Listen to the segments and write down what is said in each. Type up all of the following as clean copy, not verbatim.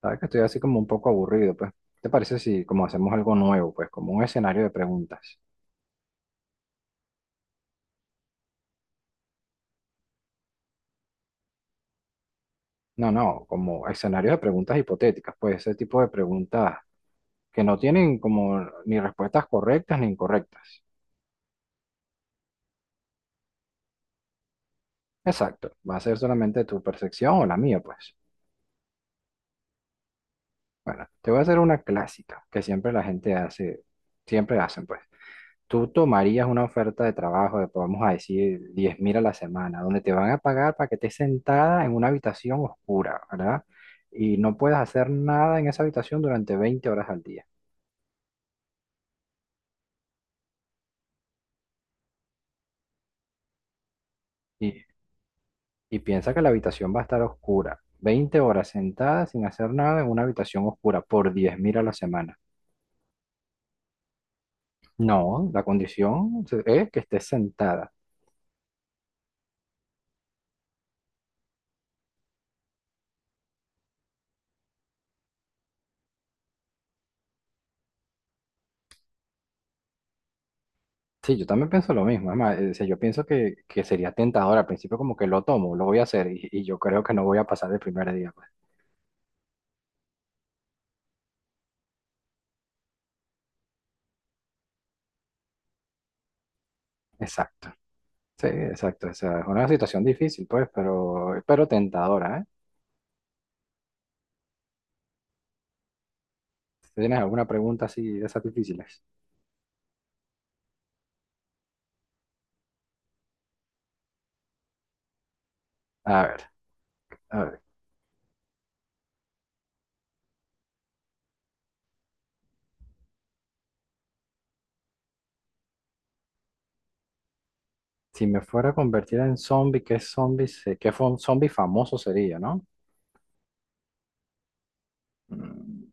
Sabes que estoy así como un poco aburrido, pues. ¿Te parece si como hacemos algo nuevo, pues, como un escenario de preguntas? No, no, como escenarios de preguntas hipotéticas, pues, ese tipo de preguntas que no tienen como ni respuestas correctas ni incorrectas. Exacto, va a ser solamente tu percepción o la mía, pues. Bueno, te voy a hacer una clásica que siempre la gente hace, siempre hacen, pues. Tú tomarías una oferta de trabajo de, vamos a decir, 10.000 a la semana, donde te van a pagar para que estés sentada en una habitación oscura, ¿verdad? Y no puedas hacer nada en esa habitación durante 20 horas al día. Y, y piensa que la habitación va a estar oscura. Veinte horas sentada sin hacer nada en una habitación oscura por 10.000 a la semana. No, la condición es que estés sentada. Sí, yo también pienso lo mismo. Es más, o sea, yo pienso que sería tentador al principio como que lo tomo, lo voy a hacer y yo creo que no voy a pasar el primer día, pues. Exacto. Sí, exacto. O sea, es una situación difícil, pues, pero tentadora, ¿eh? Si. ¿Tienes alguna pregunta así de esas difíciles? A ver, a ver. Si me fuera a convertir en zombie, ¿qué zombie, zombie famoso sería, ¿no? Mm,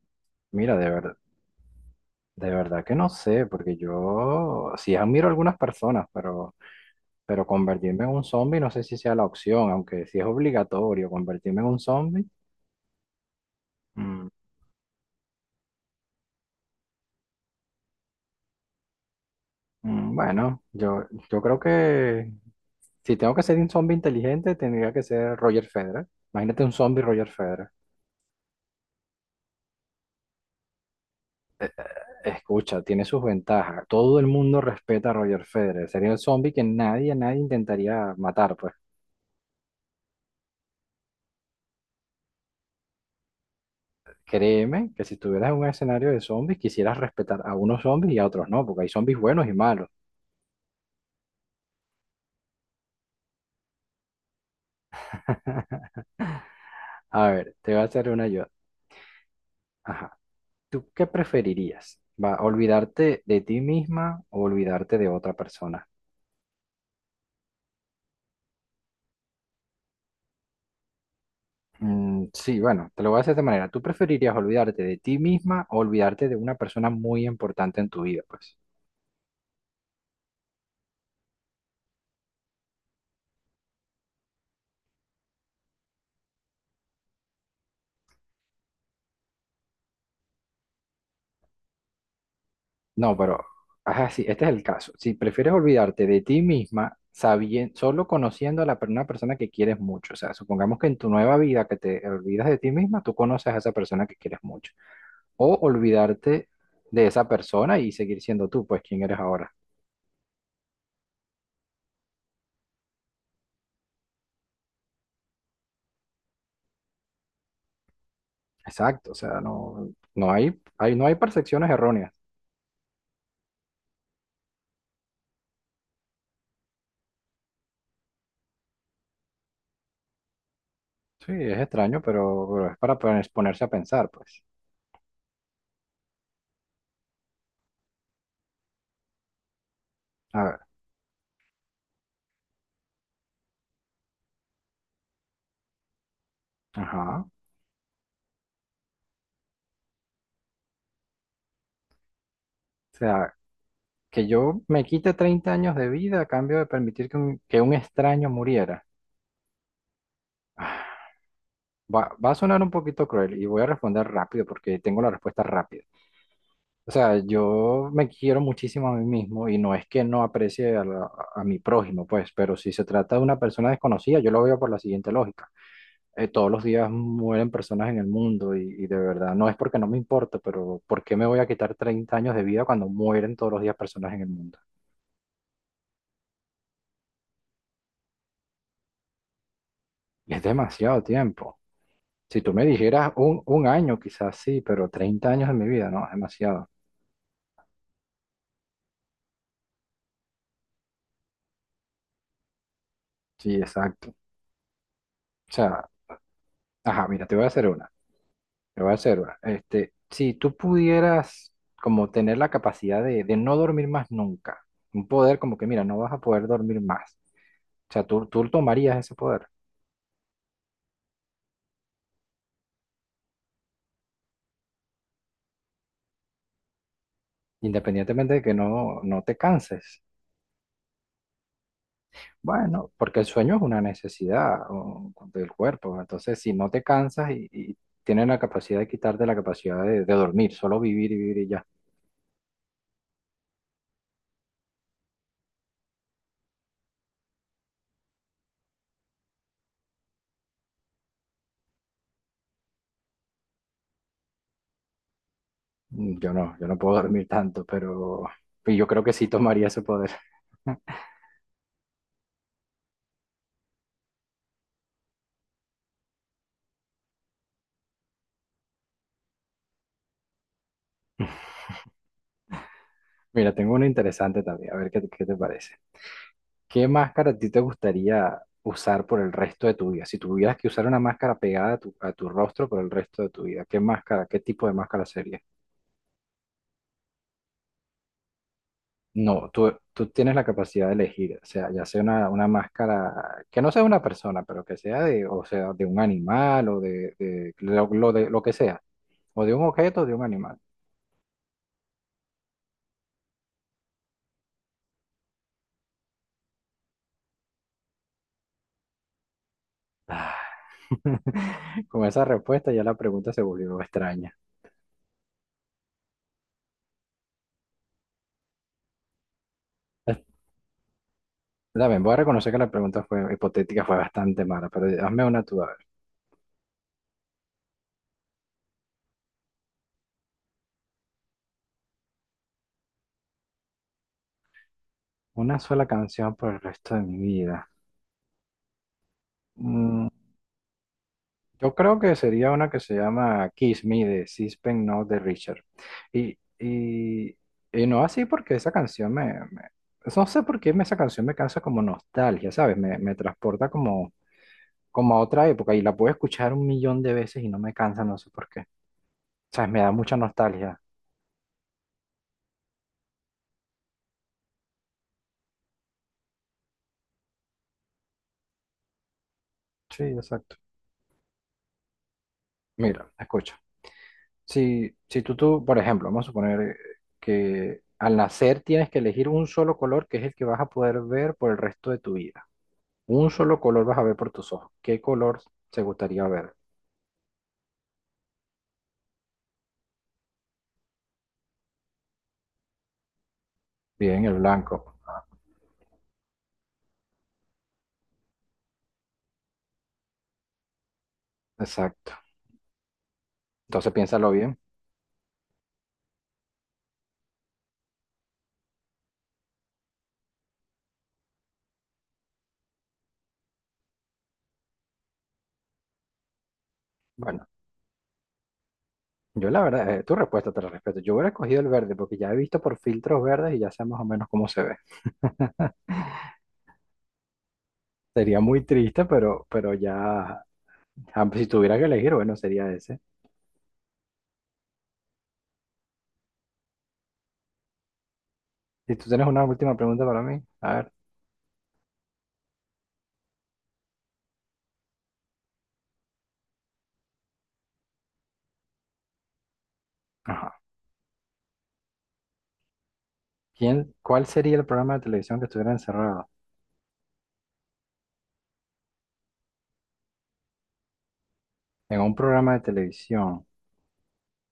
Mira, de verdad que no sé, porque yo sí admiro a algunas personas, pero convertirme en un zombie no sé si sea la opción, aunque si es obligatorio convertirme en un zombie, mm, bueno, yo creo que si tengo que ser un zombie inteligente, tendría que ser Roger Federer. Imagínate un zombie Roger Federer. Eh, Escucha, tiene sus ventajas. Todo el mundo respeta a Roger Federer. Sería el zombie que nadie, nadie intentaría matar, pues. Créeme que si estuvieras en un escenario de zombies, quisieras respetar a unos zombies y a otros no, porque hay zombies buenos y malos. A ver, te voy a hacer una yo. Ajá. ¿Tú qué preferirías? ¿Va, olvidarte de ti misma o olvidarte de otra persona? Mm, sí, bueno, te lo voy a hacer de esta manera. ¿Tú preferirías olvidarte de ti misma o olvidarte de una persona muy importante en tu vida? Pues no, pero ajá, sí, este es el caso. Si prefieres olvidarte de ti misma solo conociendo a una persona que quieres mucho, o sea, supongamos que en tu nueva vida que te olvidas de ti misma, tú conoces a esa persona que quieres mucho. O olvidarte de esa persona y seguir siendo tú, pues, quien eres ahora. Exacto, o sea, no, no no hay percepciones erróneas. Sí, es extraño, pero es para ponerse a pensar, pues. A ver, ajá. O sea, que yo me quite 30 años de vida a cambio de permitir que un extraño muriera. Ah, va a sonar un poquito cruel y voy a responder rápido porque tengo la respuesta rápida. O sea, yo me quiero muchísimo a mí mismo y no es que no aprecie a mi prójimo, pues, pero si se trata de una persona desconocida, yo lo veo por la siguiente lógica. Todos los días mueren personas en el mundo y de verdad no es porque no me importa, pero ¿por qué me voy a quitar 30 años de vida cuando mueren todos los días personas en el mundo? Es demasiado tiempo. Si tú me dijeras un año, quizás sí, pero 30 años de mi vida, no, es demasiado. Sí, exacto. O sea, ajá, mira, te voy a hacer una, te voy a hacer una. Este, si tú pudieras como tener la capacidad de no dormir más nunca, un poder como que, mira, no vas a poder dormir más. O sea, tú tomarías ese poder. Independientemente de que no, no te canses. Bueno, porque el sueño es una necesidad o, del cuerpo, entonces si no te cansas y tienen la capacidad de quitarte la capacidad de dormir, solo vivir y vivir y ya. Yo no puedo dormir tanto, pero y yo creo que sí tomaría ese poder. Mira, tengo uno interesante también, a ver qué te parece. ¿Qué máscara a ti te gustaría usar por el resto de tu vida? Si tuvieras que usar una máscara pegada a tu rostro por el resto de tu vida, ¿qué máscara, qué tipo de máscara sería? No, tú tienes la capacidad de elegir, o sea, ya sea una máscara, que no sea una persona, pero que sea de, o sea, de un animal o de lo que sea, o de un objeto o de un animal. Ah, Con esa respuesta ya la pregunta se volvió extraña. También voy a reconocer que la pregunta fue hipotética, fue bastante mala, pero hazme una tú, a ver. Una sola canción por el resto de mi vida. Mm, Yo creo que sería una que se llama Kiss Me de Sispen No de Richard. Y, y, y no así porque esa canción. No sé por qué esa canción me causa como nostalgia, ¿sabes? Me transporta como a otra época y la puedo escuchar 1 millón de veces y no me cansa, no sé por qué. ¿Sabes? Me da mucha nostalgia. Sí, exacto. Mira, escucha. Si tú, por ejemplo, vamos a suponer que al nacer tienes que elegir un solo color que es el que vas a poder ver por el resto de tu vida. Un solo color vas a ver por tus ojos. ¿Qué color te gustaría ver? Bien, el blanco. Exacto. Entonces piénsalo bien. Bueno, yo la verdad, tu respuesta te la respeto. Yo hubiera escogido el verde porque ya he visto por filtros verdes y ya sé más o menos cómo se ve. Sería muy triste, pero ya, ah, pues, si tuviera que elegir, bueno, sería ese. Si tú tienes una última pregunta para mí, a ver. Ajá. ¿Cuál sería el programa de televisión que estuviera encerrado? En un programa de televisión.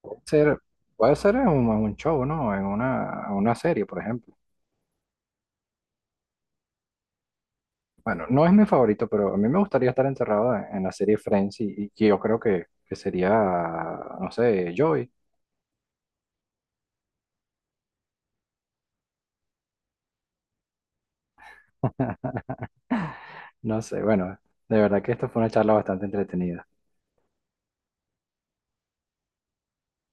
Puede ser, puede ser en un show, ¿no? En una serie, por ejemplo. Bueno, no es mi favorito, pero a mí me gustaría estar encerrado en la serie Friends y yo creo que sería, no sé, Joey. No sé, bueno, de verdad que esta fue una charla bastante entretenida.